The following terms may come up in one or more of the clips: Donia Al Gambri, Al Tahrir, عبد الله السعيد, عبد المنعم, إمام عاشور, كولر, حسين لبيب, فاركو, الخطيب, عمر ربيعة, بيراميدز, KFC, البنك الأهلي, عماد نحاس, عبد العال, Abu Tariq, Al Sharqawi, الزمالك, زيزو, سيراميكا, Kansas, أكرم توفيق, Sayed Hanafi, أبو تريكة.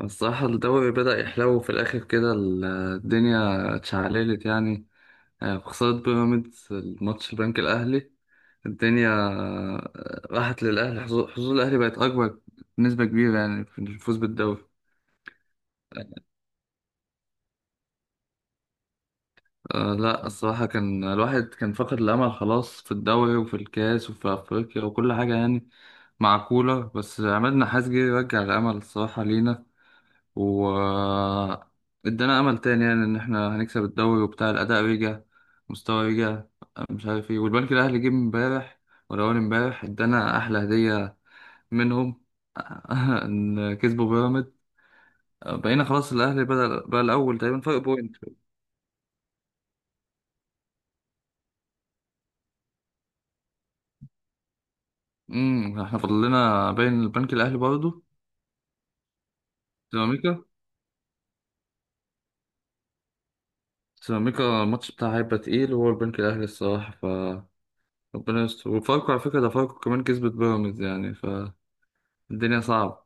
الصراحة الدوري بدأ يحلو في الآخر كده، الدنيا اتشعللت يعني. خسارة بيراميدز الماتش البنك الأهلي، الدنيا راحت للأهلي. حظوظ الأهلي بقت أكبر بنسبة كبيرة يعني في الفوز بالدوري. آه لا، الصراحة كان الواحد كان فقد الأمل خلاص في الدوري وفي الكاس وفي أفريقيا وكل حاجة يعني مع كولر. بس عماد نحاس جه يرجع الأمل الصراحة لينا و ادانا امل تاني، يعني ان احنا هنكسب الدوري وبتاع، الاداء رجع، مستوى رجع، مش عارف ايه. والبنك الاهلي جه امبارح ولا اول امبارح ادانا احلى هديه منهم ان كسبوا بيراميدز. بقينا خلاص الاهلي بدأ بقى الاول تقريبا، فرق بوينت. احنا فاضل لنا باين البنك الاهلي برضه. سيراميكا. سيراميكا الماتش بتاعها هيبقى تقيل، وهو البنك الاهلي الصراحه. ربنا يستر. وفاركو على فكره، ده فاركو كمان كسبت بيراميدز يعني، فالدنيا صعبه.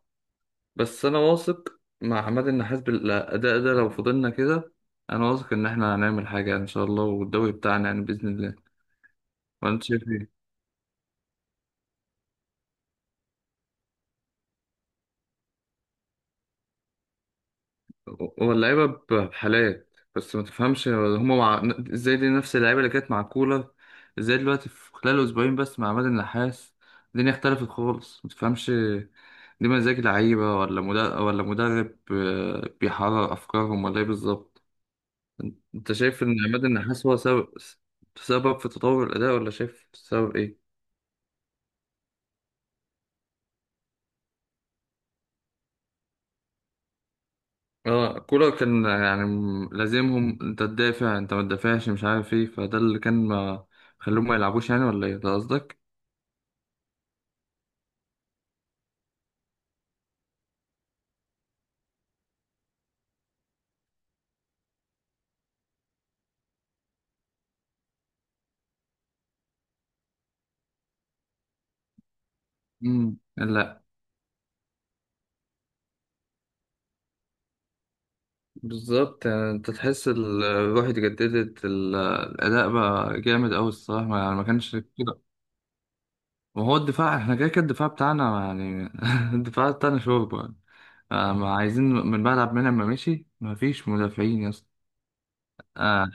بس انا واثق مع عماد النحاس بالاداء ده، لو فضلنا كده انا واثق ان احنا هنعمل حاجه ان شاء الله، والدوري بتاعنا يعني باذن الله. وانت شايف ايه؟ هو اللعيبه بحالات، بس ما تفهمش هما ازاي دي نفس اللعيبه اللي كانت مع كولر؟ ازاي دلوقتي في خلال اسبوعين بس مع عماد النحاس الدنيا اختلفت خالص، ما تفهمش. دي مزاج لعيبه ولا مدرب، بيحرر افكارهم، ولا ايه بالظبط؟ انت شايف ان عماد النحاس هو سبب في تطور الاداء، ولا شايف سبب ايه؟ اه كولر كان يعني لازمهم، انت تدافع، انت ما تدافعش، مش عارف ايه، فده اللي كان. ما خلوهم ما يلعبوش يعني، ولا ايه ده قصدك؟ لا، بالظبط. يعني انت تحس الروح اتجددت، الاداء بقى جامد قوي الصراحه، يعني ما كانش كده. وهو الدفاع، احنا كده كده الدفاع بتاعنا يعني الدفاع بتاعنا شوربه يعني. ما عايزين، من بعد عبد المنعم ما مشي ما فيش مدافعين يا اسطى. آه،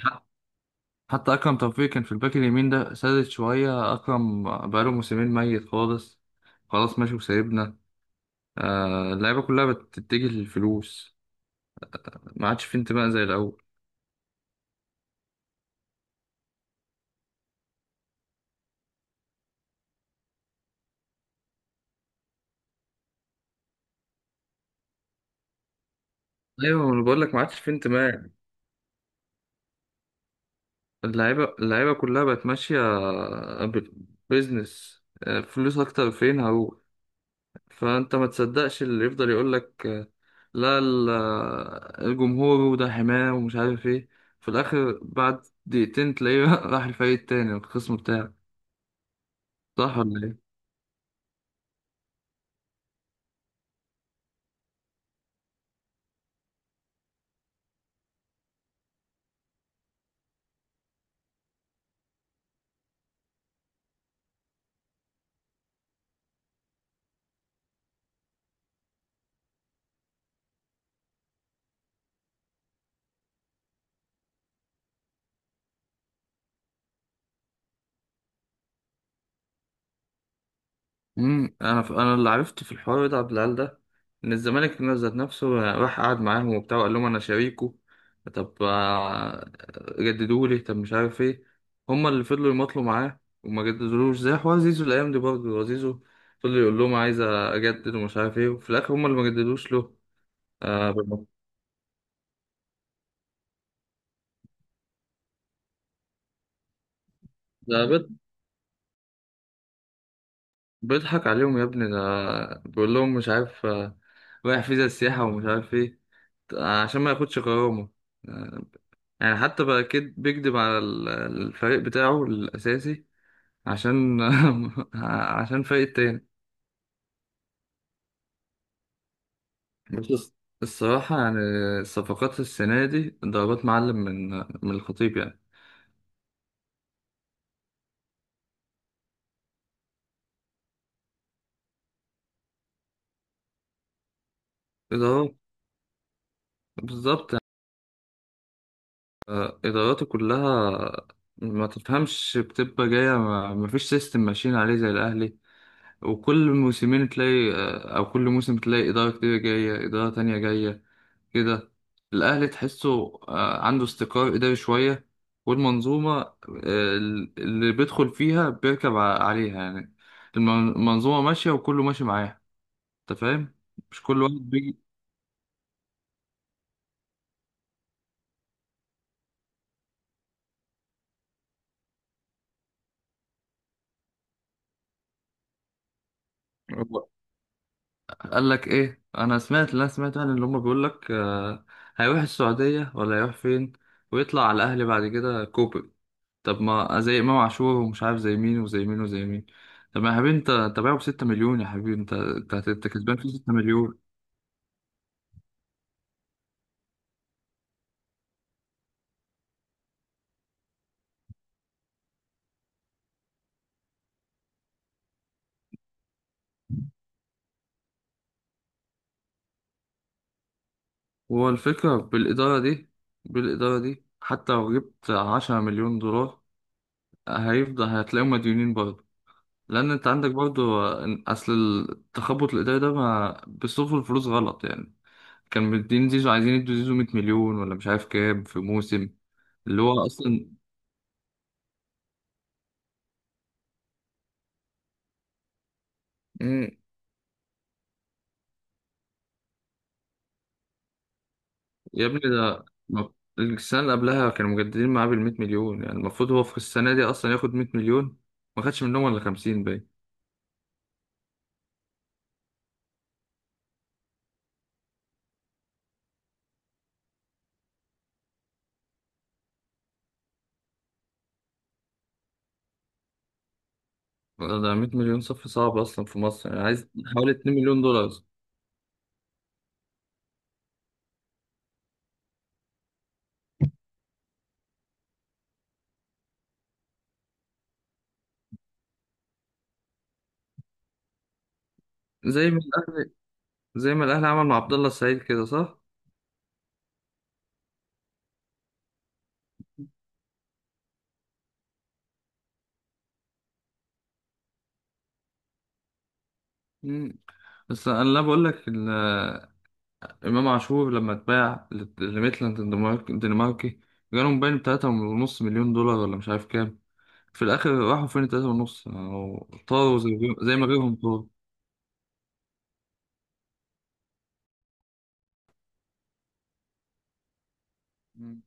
حتى أكرم توفيق كان في الباك اليمين، ده سادت شوية، أكرم بقاله موسمين ميت خالص. خلاص ماشي وسايبنا. آه، اللعيبة كلها بتتجه للفلوس، ما عادش في انتماء زي الأول. أيوة أنا بقول لك، ما عادش في انتماء. اللعيبة كلها بقت ماشية بزنس. فلوس أكتر، فين هروح؟ فأنت ما تصدقش اللي يفضل يقول لك لا، الجمهور وده حماه ومش عارف ايه. في الآخر بعد دقيقتين تلاقيه راح الفريق التاني الخصم بتاعه. صح ولا ايه؟ انا اللي عرفته في الحوار ده عبد العال ده، ان الزمالك ذات نفسه راح قعد معاهم وبتاع وقال لهم انا شريكه. طب جددوا لي، طب مش عارف ايه. هما اللي فضلوا يماطلوا معاه وما جددولوش. زي حوار زيزو الايام دي برضه، زيزو فضل يقول لهم عايز اجدد ومش عارف ايه، وفي الاخر هما اللي ما جددوش له. آه، ده بيضحك عليهم يا ابني ده. بيقول لهم مش عارف رايح فيزا السياحة ومش عارف ايه عشان ما ياخدش غرامة. آه، يعني حتى بقى بيكدب على الفريق بتاعه الأساسي، عشان عشان فريق تاني. بس الصراحة يعني الصفقات السنة دي ضربات معلم من الخطيب يعني. إدارات، بالظبط، إداراته كلها ما تفهمش، بتبقى جاية ما فيش سيستم ماشيين عليه زي الأهلي. وكل موسمين تلاقي أو كل موسم تلاقي إدارة، كتير جاية إدارة تانية جاية كده. الأهلي تحسه عنده استقرار إداري شوية، والمنظومة اللي بيدخل فيها بيركب عليها يعني. المنظومة ماشية وكله ماشي معاها. أنت فاهم؟ مش كل واحد بيجي. هو قال لك إيه؟ أنا سمعت، لا سمعت يعني، اللي هما بيقول لك هيروح السعودية ولا هيروح فين؟ ويطلع على الأهلي بعد كده كوبري. طب ما زي إمام عاشور ومش عارف، زي مين وزي مين وزي مين. طب يا حبيبي، انت باعه بستة مليون، يا حبيبي انت كسبان فيه 6 مليون. هو الفكرة بالإدارة دي، حتى لو جبت 10 مليون دولار هيفضل هتلاقيهم مديونين برضه. لأن أنت عندك برضه أصل التخبط الإداري ده، ما بيصرفوا الفلوس غلط يعني. كان مدين زيزو، عايزين يدوا زيزو 100 مليون ولا مش عارف كام في موسم، اللي هو أصلا مم، يا ابني ده، السنة اللي قبلها كانوا مجددين معاه بالمية مليون، يعني المفروض هو في السنة دي أصلا ياخد 100 مليون، ما خدش منهم ولا 50. ده 100 مليون صف صعب اصلا في مصر، يعني عايز حوالي 2 مليون دولار. زي ما الاهلي زي ما الاهلي عمل مع عبد الله السعيد كده، صح؟ مم. بس انا، لا بقول لك، امام عاشور لما اتباع لميتلاند الدنماركي، جالهم باين بتلاتة ونص مليون دولار ولا مش عارف كام. في الاخر راحوا فين تلاتة ونص؟ أو طاروا زي ما غيرهم طاروا. مم.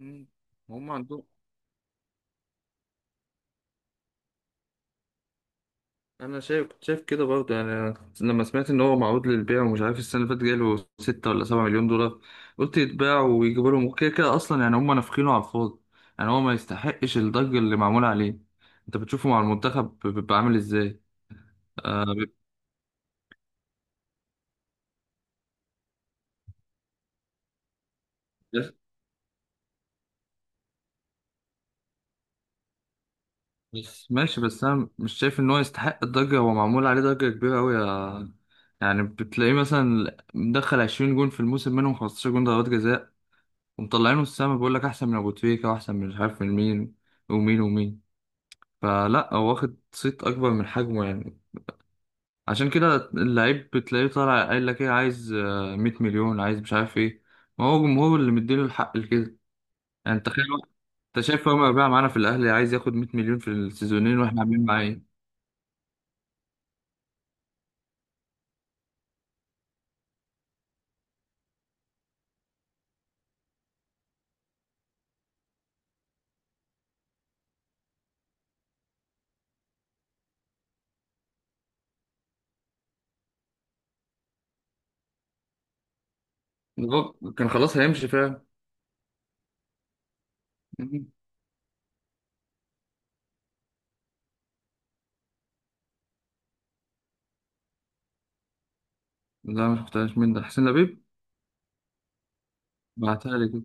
مم. هم عندهم. انا شايف، كنت شايف كده برضه يعني. أنا لما سمعت ان هو معروض للبيع، ومش عارف السنه اللي فاتت جاله 6 ولا 7 مليون دولار، قلت يتباع ويجيبوا لهم، كده كده اصلا يعني هم نافخينه على الفاضي، يعني هو ما يستحقش الضجه اللي معموله عليه. انت بتشوفه مع المنتخب بيبقى عامل ازاي؟ آه بيبقى- بس ماشي، بس انا مش شايف ان هو يستحق الضجه، هو معمول عليه ضجه كبيره قوي، يعني بتلاقيه مثلا مدخل 20 جون في الموسم منهم 15 جون ضربات جزاء، ومطلعينه السما، بيقول لك احسن من ابو تريكة واحسن من مش عارف من مين، ومين ومين. فلا هو واخد صيت اكبر من حجمه يعني. عشان كده اللعيب بتلاقيه طالع قايل لك ايه؟ عايز 100 مليون، عايز مش عارف ايه، ما هو جمهور اللي مديله الحق لكده. يعني انت تخيل انت شايف عمر ربيعة معانا في الاهلي عايز ياخد 100 مليون في السيزونين، واحنا عاملين معاه ايه؟ ده هو كان خلاص هيمشي فعلا. لا مش بتاعش، مين ده؟ حسين لبيب. بعتها لي.